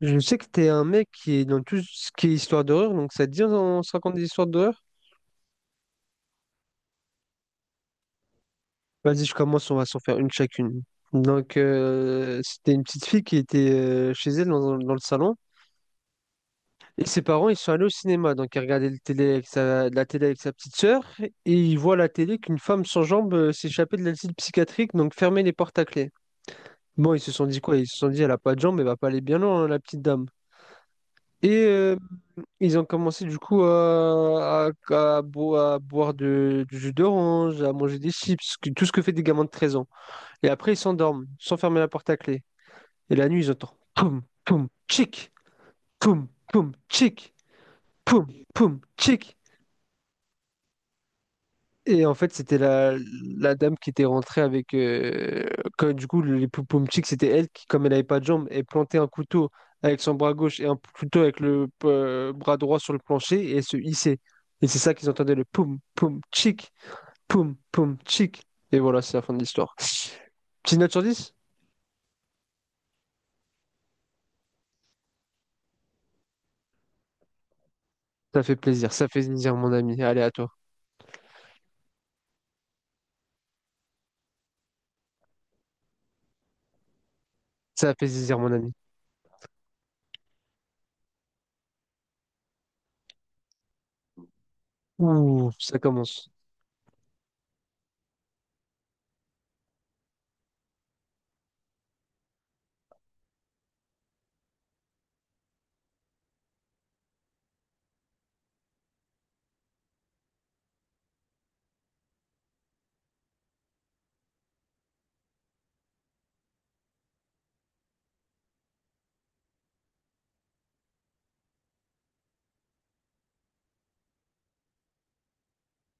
Je sais que t'es un mec qui est dans tout ce qui est histoire d'horreur, donc ça te dit on se raconte des histoires d'horreur? Vas-y, je commence, on va s'en faire une chacune. Donc, c'était une petite fille qui était chez elle dans le salon, et ses parents, ils sont allés au cinéma, donc elle regardait le télé avec sa, la télé avec sa petite sœur, et ils voient à la télé qu'une femme sans jambes s'échappait de l'asile psychiatrique, donc fermait les portes à clé. Bon, ils se sont dit quoi? Ils se sont dit, elle a pas de jambes, elle va pas aller bien loin, hein, la petite dame. Et ils ont commencé du coup à boire du jus d'orange, à manger des chips, tout ce que fait des gamins de 13 ans. Et après, ils s'endorment, sans fermer la porte à clé. Et la nuit, ils entendent poum, poum, tchic, poum, poum, tchic, poum, poum, tchic. Et en fait, c'était la dame qui était rentrée avec. Quand, du coup, les Poupomchik, c'était elle qui, comme elle n'avait pas de jambes, elle plantait un couteau avec son bras gauche et un couteau avec le bras droit sur le plancher et elle se hissait. Et c'est ça qu'ils entendaient, le poum, poum, chic, poum, poum, chic. Et voilà, c'est la fin de l'histoire. Petite note sur 10. Ça fait plaisir, mon ami. Allez, à toi. Ça fait plaisir, mon ami. Ouh, ça commence.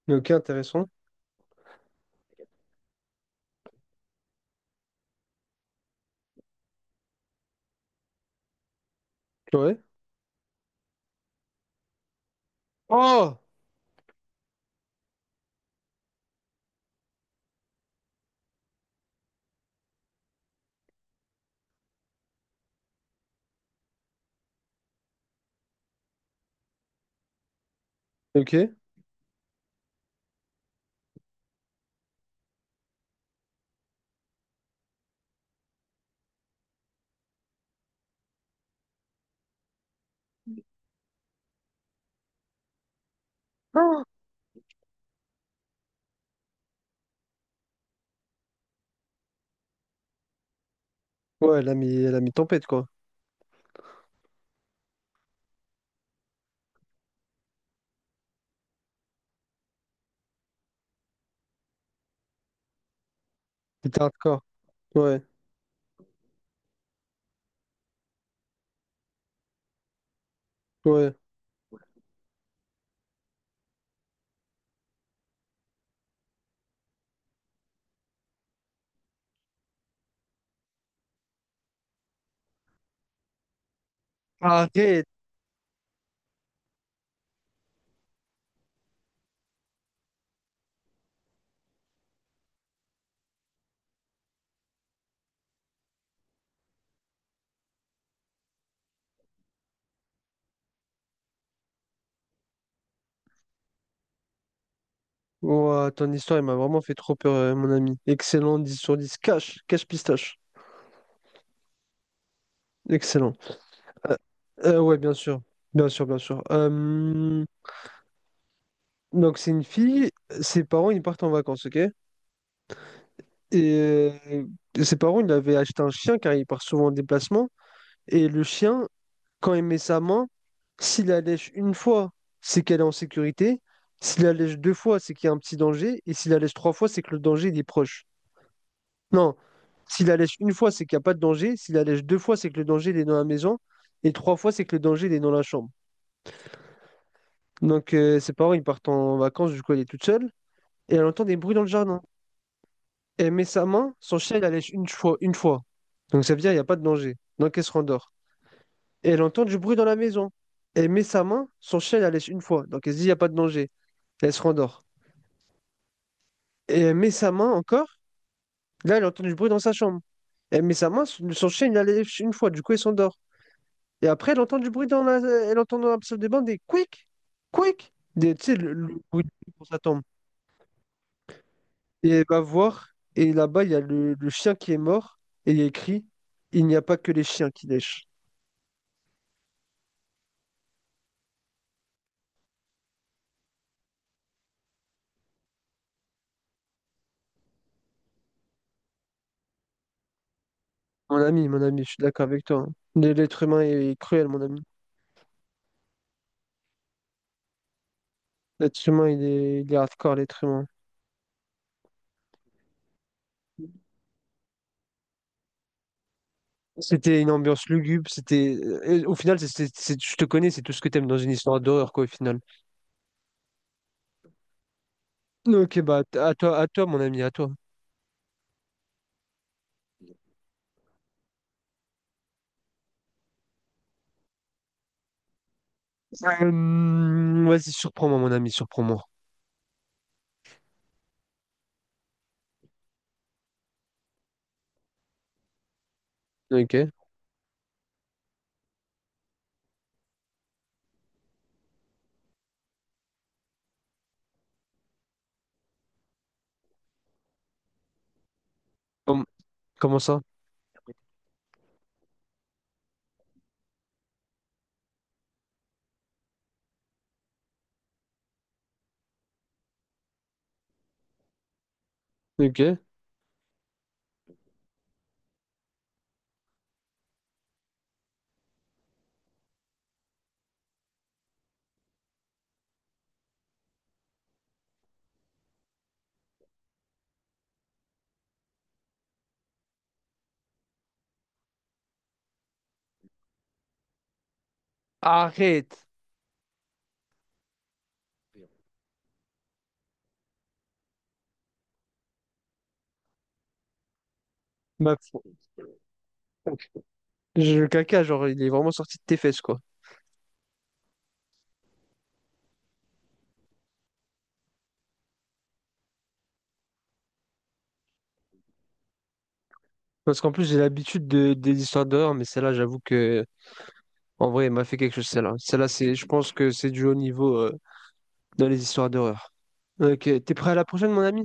Ok, intéressant. Ouais. Oh! Ok. Ah. Ouais, elle a mis tempête, quoi. C'était hardcore. Ouais, ouais. Arrête! Ouah, ton histoire, il m'a vraiment fait trop peur, mon ami. Excellent, 10 sur 10. Cache, cache pistache. Excellent. Euh, ouais, bien sûr. Bien sûr, bien sûr. Donc, c'est une fille, ses parents, ils partent en vacances, ok? Et euh, ses parents, ils avaient acheté un chien car il part souvent en déplacement. Et le chien, quand il met sa main, s'il la lèche une fois, c'est qu'elle est en sécurité. S'il la lèche deux fois, c'est qu'il y a un petit danger. Et s'il la lèche trois fois, c'est que le danger, il est proche. Non, s'il la lèche une fois, c'est qu'il n'y a pas de danger. S'il la lèche deux fois, c'est que le danger, il est dans la maison. Et trois fois, c'est que le danger, il est dans la chambre. Donc, ses parents, ils partent en vacances, du coup, elle est toute seule. Et elle entend des bruits dans le jardin. Elle met sa main, son chien, il la lèche une fois, une fois. Donc, ça veut dire, il n'y a pas de danger. Donc, elle se rendort. Et elle entend du bruit dans la maison. Elle met sa main, son chien, il la lèche une fois. Donc, elle se dit, il n'y a pas de danger. Elle se rendort. Et elle met sa main encore. Là, elle entend du bruit dans sa chambre. Elle met sa main, son chien, il la lèche une fois. Du coup, elle s'endort. Et après, elle entend du bruit dans la... Elle entend dans la salle de bain des quick, quick. Des, tu sais, le bruit quand ça tombe. Et elle va voir, et là-bas, il y a le chien qui est mort, et il y a écrit, il n'y a pas que les chiens qui lèchent. Mon ami, je suis d'accord avec toi, hein. L'être humain est cruel, mon ami. L'être humain, il est hardcore, l'être humain. C'était une ambiance lugubre, c'était... au final, je te connais, c'est tout ce que t'aimes dans une histoire d'horreur, quoi, au final. Ok, bah, à toi, mon ami, à toi. Vas-y, surprends-moi, mon ami, surprends-moi. Ok. Com- Comment ça? Ok. Arrête! Ma... Le caca, genre, il est vraiment sorti de tes fesses, quoi. Parce qu'en plus, j'ai l'habitude de... des histoires d'horreur, mais celle-là, j'avoue que, en vrai, elle m'a fait quelque chose, celle-là. Celle-là, c'est... je pense que c'est du haut niveau dans les histoires d'horreur. Ok, t'es prêt à la prochaine, mon ami?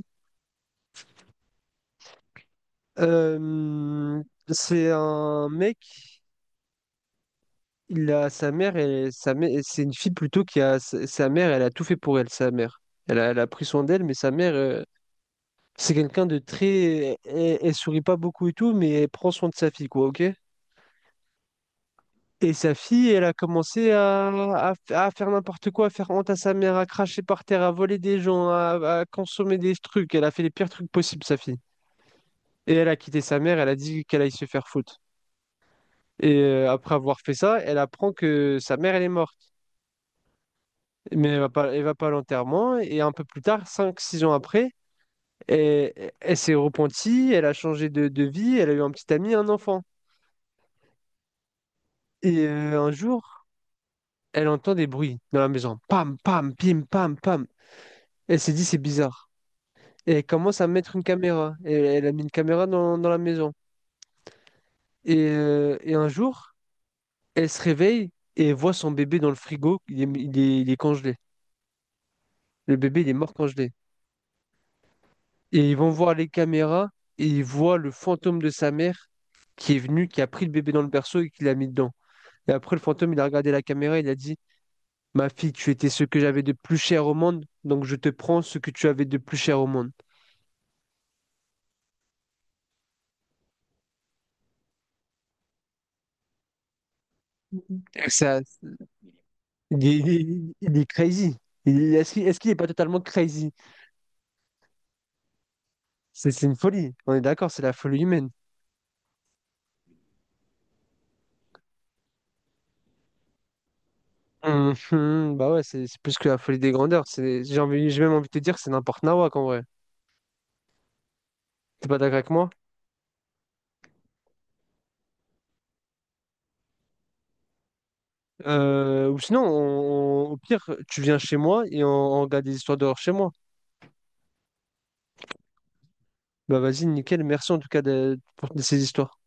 C'est un mec, il a sa mère, et sa mère, c'est une fille plutôt qui a sa mère, elle a tout fait pour elle, sa mère. Elle a pris soin d'elle, mais sa mère, c'est quelqu'un de très. Elle, elle sourit pas beaucoup et tout, mais elle prend soin de sa fille, quoi, ok? Et sa fille, elle a commencé à faire n'importe quoi, à faire honte à sa mère, à cracher par terre, à voler des gens, à consommer des trucs. Elle a fait les pires trucs possibles, sa fille. Et elle a quitté sa mère, elle a dit qu'elle allait se faire foutre. Et après avoir fait ça, elle apprend que sa mère, elle est morte. Mais elle va pas à l'enterrement. Et un peu plus tard, 5 6 ans après, elle, elle s'est repentie, elle a changé de vie, elle a eu un petit ami, un enfant. Et un jour, elle entend des bruits dans la maison. Pam, pam, pim, pam, pam. Elle s'est dit, c'est bizarre. Et elle commence à mettre une caméra. Et elle a mis une caméra dans la maison. Et un jour, elle se réveille et elle voit son bébé dans le frigo. Il est congelé. Le bébé, il est mort congelé. Et ils vont voir les caméras et ils voient le fantôme de sa mère qui est venu, qui a pris le bébé dans le berceau et qui l'a mis dedans. Et après, le fantôme, il a regardé la caméra et il a dit, ma fille, tu étais ce que j'avais de plus cher au monde, donc je te prends ce que tu avais de plus cher au monde. Et ça, il est crazy. Est-ce qu'il est pas totalement crazy? C'est une folie. On est d'accord, c'est la folie humaine. Mhm, bah ouais, c'est plus que la folie des grandeurs. C'est, j'ai même envie de te dire, c'est n'importe nawak en vrai. T'es pas d'accord avec moi? Ou sinon, au pire, tu viens chez moi et on regarde des histoires d'horreur chez moi. Bah vas-y, nickel. Merci en tout cas pour ces histoires.